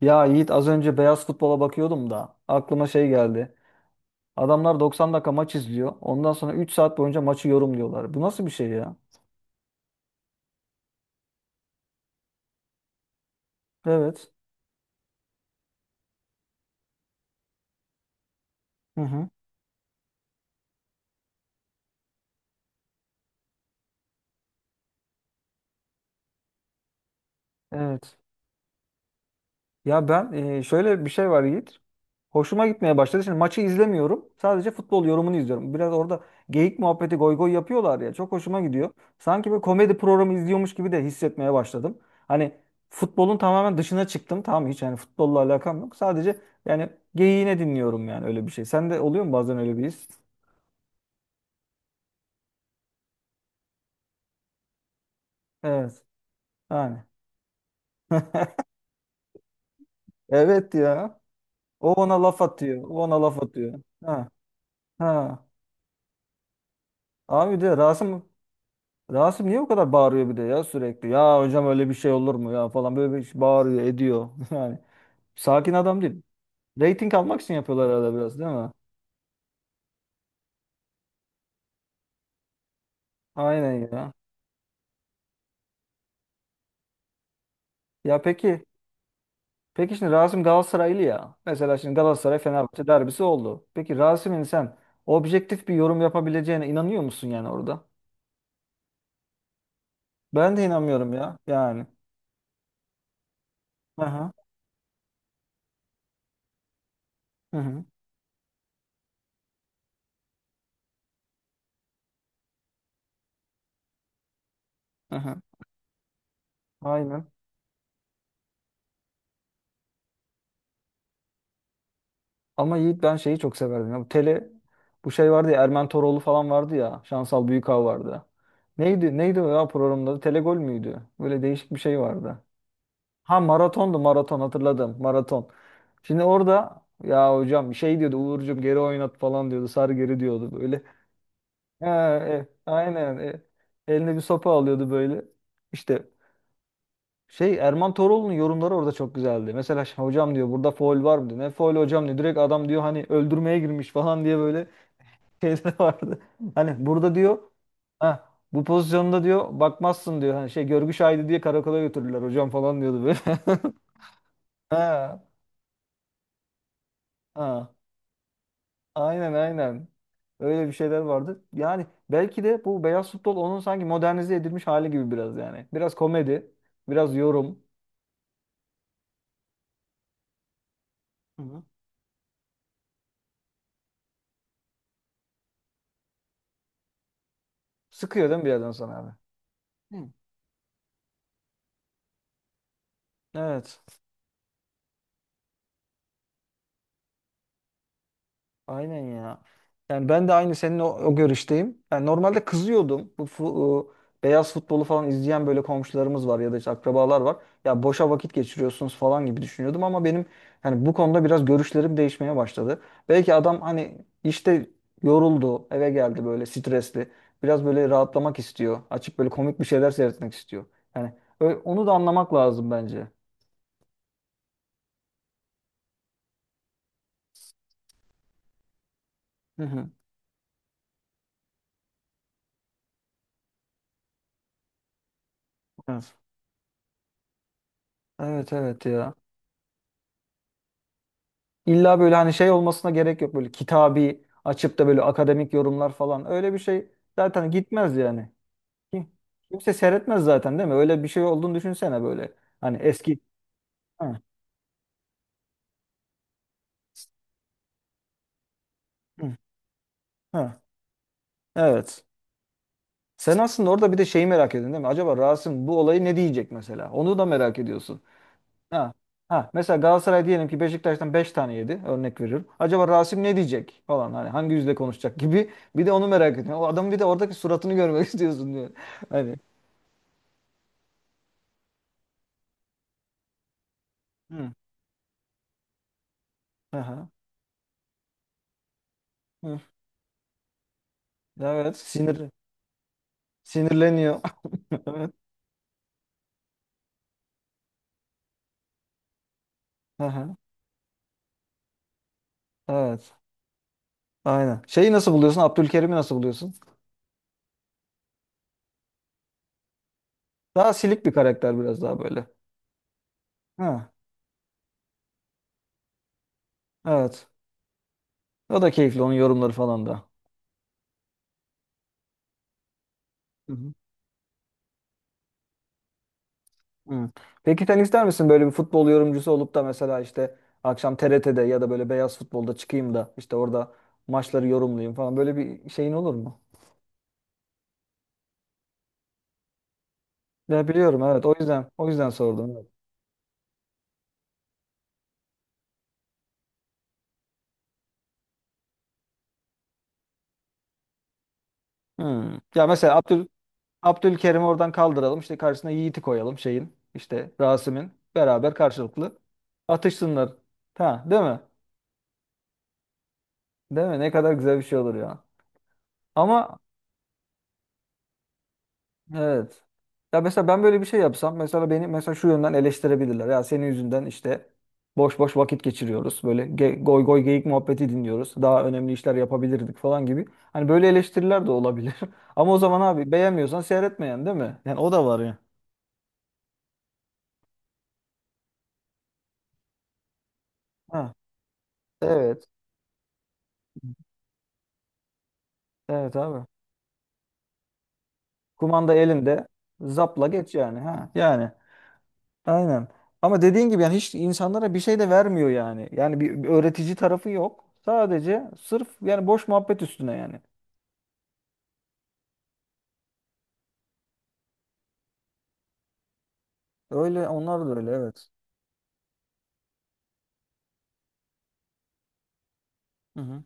Ya Yiğit az önce beyaz futbola bakıyordum da aklıma şey geldi. Adamlar 90 dakika maç izliyor. Ondan sonra 3 saat boyunca maçı yorumluyorlar. Bu nasıl bir şey ya? Evet. Hı hı. Evet. Ya ben şöyle bir şey var Yiğit. Hoşuma gitmeye başladı. Şimdi maçı izlemiyorum. Sadece futbol yorumunu izliyorum. Biraz orada geyik muhabbeti goy goy yapıyorlar ya. Çok hoşuma gidiyor. Sanki bir komedi programı izliyormuş gibi de hissetmeye başladım. Hani futbolun tamamen dışına çıktım. Tamam, hiç yani futbolla alakam yok. Sadece yani geyiğine dinliyorum, yani öyle bir şey. Sende oluyor mu bazen öyle bir his? Evet. Yani. Evet ya. O ona laf atıyor. O ona laf atıyor. Ha. Ha. Abi de Rasim niye o kadar bağırıyor bir de ya sürekli? Ya hocam öyle bir şey olur mu ya falan böyle bir şey bağırıyor ediyor. Yani sakin adam değil. Rating almak için yapıyorlar arada biraz, değil mi? Aynen ya. Ya peki şimdi Rasim Galatasaraylı ya. Mesela şimdi Galatasaray Fenerbahçe derbisi oldu. Peki Rasim'in sen objektif bir yorum yapabileceğine inanıyor musun yani orada? Ben de inanmıyorum ya yani. Aha. Hı hı. Hı hı. Aynen. Ama Yiğit ben şeyi çok severdim. Ya, bu şey vardı ya Ermen Toroğlu falan vardı ya. Şansal Büyükağ vardı. Neydi neydi o ya programın adı? Telegol müydü? Böyle değişik bir şey vardı. Ha, maratondu maraton, hatırladım. Maraton. Şimdi orada ya hocam şey diyordu, Uğurcuğum geri oynat falan diyordu. Sar geri diyordu böyle. Ha, aynen. Eline bir sopa alıyordu böyle. İşte şey, Erman Toroğlu'nun yorumları orada çok güzeldi. Mesela "Ş- hocam diyor, burada faul var mı diyor. Ne faul hocam diyor. Direkt adam diyor hani öldürmeye girmiş falan diye böyle şeyde vardı. Hani burada diyor, ha bu pozisyonda diyor, bakmazsın diyor. Hani şey görgü şahidi diye karakola götürdüler hocam falan diyordu böyle. Ha, ha. Aynen aynen. Öyle bir şeyler vardı. Yani belki de bu beyaz futbol onun sanki modernize edilmiş hali gibi biraz yani. Biraz komedi, biraz yorum. Hı hı. Sıkıyor değil mi bir yerden sonra abi? Hı. Evet. Aynen ya. Yani ben de aynı senin o görüşteyim. Yani normalde kızıyordum. Beyaz futbolu falan izleyen böyle komşularımız var ya da işte akrabalar var. Ya boşa vakit geçiriyorsunuz falan gibi düşünüyordum ama benim hani bu konuda biraz görüşlerim değişmeye başladı. Belki adam hani işte yoruldu, eve geldi böyle stresli. Biraz böyle rahatlamak istiyor. Açıp böyle komik bir şeyler seyretmek istiyor. Yani onu da anlamak lazım bence. Hı hı. Evet. Evet evet ya. İlla böyle hani şey olmasına gerek yok, böyle kitabi açıp da böyle akademik yorumlar falan, öyle bir şey zaten gitmez yani. Kim- Kimse seyretmez zaten, değil mi? Öyle bir şey olduğunu düşünsene böyle. Hani eski. Ha, hı, ha, evet. Sen aslında orada bir de şeyi merak ediyorsun, değil mi? Acaba Rasim bu olayı ne diyecek mesela? Onu da merak ediyorsun. Ha. Ha, mesela Galatasaray diyelim ki Beşiktaş'tan 5 tane yedi, örnek veriyorum. Acaba Rasim ne diyecek falan, hani hangi yüzle konuşacak gibi bir de onu merak ediyorsun. O adamın bir de oradaki suratını görmek istiyorsun diyor. Hani. Hı. Aha. Hı. Evet. Sinirleniyor. Evet. Aha. Evet. Aynen. Şeyi nasıl buluyorsun? Abdülkerim'i nasıl buluyorsun? Daha silik bir karakter biraz daha böyle. Ha. Evet. O da keyifli, onun yorumları falan da. Hı hı. Hı. Peki sen ister misin böyle bir futbol yorumcusu olup da mesela işte akşam TRT'de ya da böyle beyaz futbolda çıkayım da işte orada maçları yorumlayayım falan, böyle bir şeyin olur mu? Ya biliyorum, evet, o yüzden o yüzden sordum. Evet. Hı. Ya mesela Abdülkerim'i oradan kaldıralım. İşte karşısına Yiğit'i koyalım şeyin. İşte Rasim'in. Beraber karşılıklı atışsınlar. Ha, değil mi? Değil mi? Ne kadar güzel bir şey olur ya. Ama evet. Ya mesela ben böyle bir şey yapsam mesela beni mesela şu yönden eleştirebilirler. Ya senin yüzünden işte boş boş vakit geçiriyoruz. Böyle goy goy geyik muhabbeti dinliyoruz. Daha önemli işler yapabilirdik falan gibi. Hani böyle eleştiriler de olabilir. Ama o zaman abi beğenmiyorsan seyretmeyen, değil mi? Yani o da var ya. Ha, evet. Evet abi. Kumanda elinde. Zapla geç yani. Ha, yani aynen. Ama dediğin gibi yani hiç insanlara bir şey de vermiyor yani. Yani bir öğretici tarafı yok. Sadece sırf yani boş muhabbet üstüne yani. Öyle onlar da öyle, evet. Hı hı.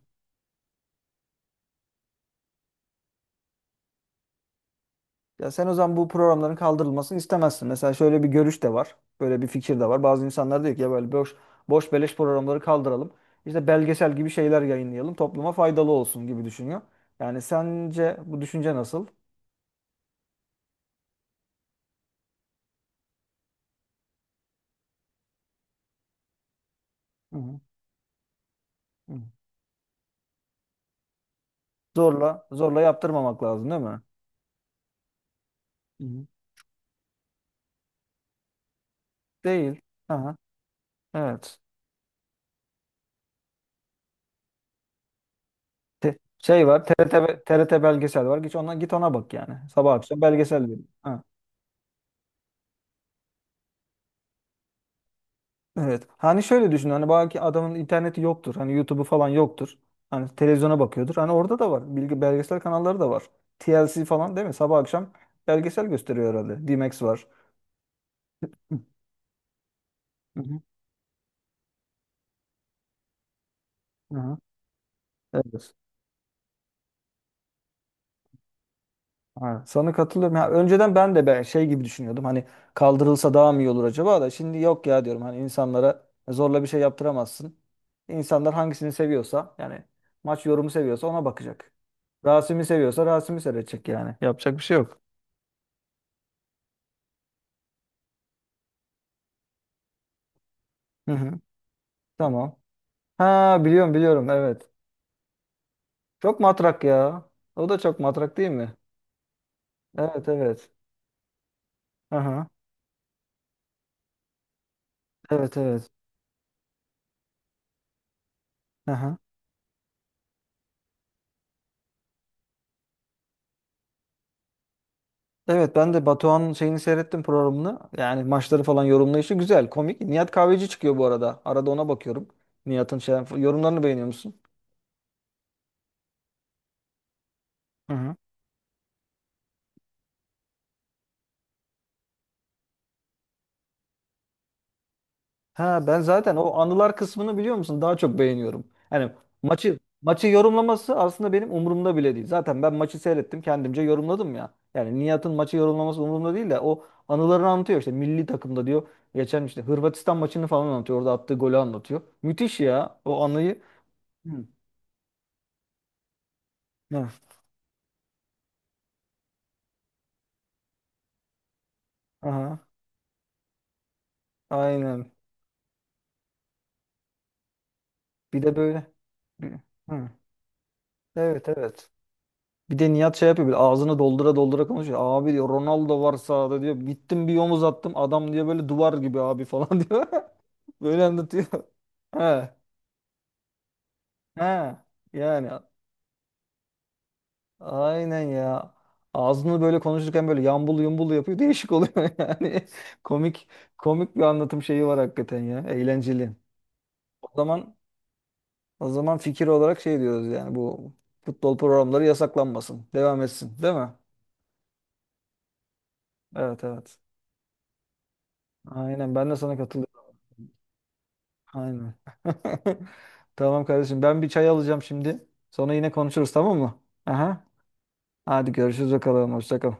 Ya sen o zaman bu programların kaldırılmasını istemezsin. Mesela şöyle bir görüş de var. Böyle bir fikir de var. Bazı insanlar diyor ki ya böyle boş boş beleş programları kaldıralım. İşte belgesel gibi şeyler yayınlayalım. Topluma faydalı olsun gibi düşünüyor. Yani sence bu düşünce nasıl? Hı hı. Hı. Zorla, zorla yaptırmamak lazım, değil mi? Hı hı. Değil. Aha, evet. Şey var, T R T belgesel var. Git ona, git ona bak yani. Sabah akşam belgesel veriyor. Ha. Evet. Hani şöyle düşün. Hani belki adamın interneti yoktur. Hani YouTube'u falan yoktur. Hani televizyona bakıyordur. Hani orada da var. Bilgi belgesel kanalları da var. TLC falan, değil mi? Sabah akşam belgesel gösteriyor herhalde. D-Max var. Hı hı. Aha. Evet. Ha, sana katılıyorum. Ya, önceden ben de ben şey gibi düşünüyordum. Hani kaldırılsa daha mı iyi olur acaba da şimdi yok ya diyorum. Hani insanlara zorla bir şey yaptıramazsın. İnsanlar hangisini seviyorsa yani maç yorumu seviyorsa ona bakacak. Rasim'i seviyorsa Rasim'i seyredecek yani. Yapacak bir şey yok. Hı hı. Tamam. Ha, biliyorum biliyorum, evet. Çok matrak ya. O da çok matrak, değil mi? Evet evet. Aha. Evet evet. Aha. Evet ben de Batuhan'ın şeyini seyrettim, programını. Yani maçları falan yorumlayışı güzel, komik. Nihat Kahveci çıkıyor bu arada. Arada ona bakıyorum. Nihat'ın şey, yorumlarını beğeniyor musun? Hı hı. Ha ben zaten o anılar kısmını biliyor musun? Daha çok beğeniyorum. Hani maçı yorumlaması aslında benim umurumda bile değil. Zaten ben maçı seyrettim, kendimce yorumladım ya. Yani Nihat'ın maçı yorumlaması umurumda değil de o anılarını anlatıyor, işte milli takımda diyor. Geçen işte Hırvatistan maçını falan anlatıyor. Orada attığı golü anlatıyor. Müthiş ya o anıyı. Hı. Evet. Aha. Aynen. Bir de böyle. bir- Hı. Evet evet. Bir de Nihat şey yapıyor böyle ağzını doldura doldura konuşuyor. Abi diyor Ronaldo var sahada diyor. Gittim bir omuz attım, adam diyor böyle duvar gibi abi falan diyor. Böyle anlatıyor. He. He. Yani aynen ya. Ağzını böyle konuşurken böyle yambul yumbul yapıyor. Değişik oluyor yani. Komik komik bir anlatım şeyi var hakikaten ya. Eğlenceli. O zaman O zaman fikir olarak şey diyoruz yani bu futbol programları yasaklanmasın. Devam etsin, değil mi? Evet evet. Aynen ben de sana katılıyorum. Aynen. Tamam kardeşim, ben bir çay alacağım şimdi. Sonra yine konuşuruz, tamam mı? Aha. Hadi görüşürüz bakalım. Hoşça kal.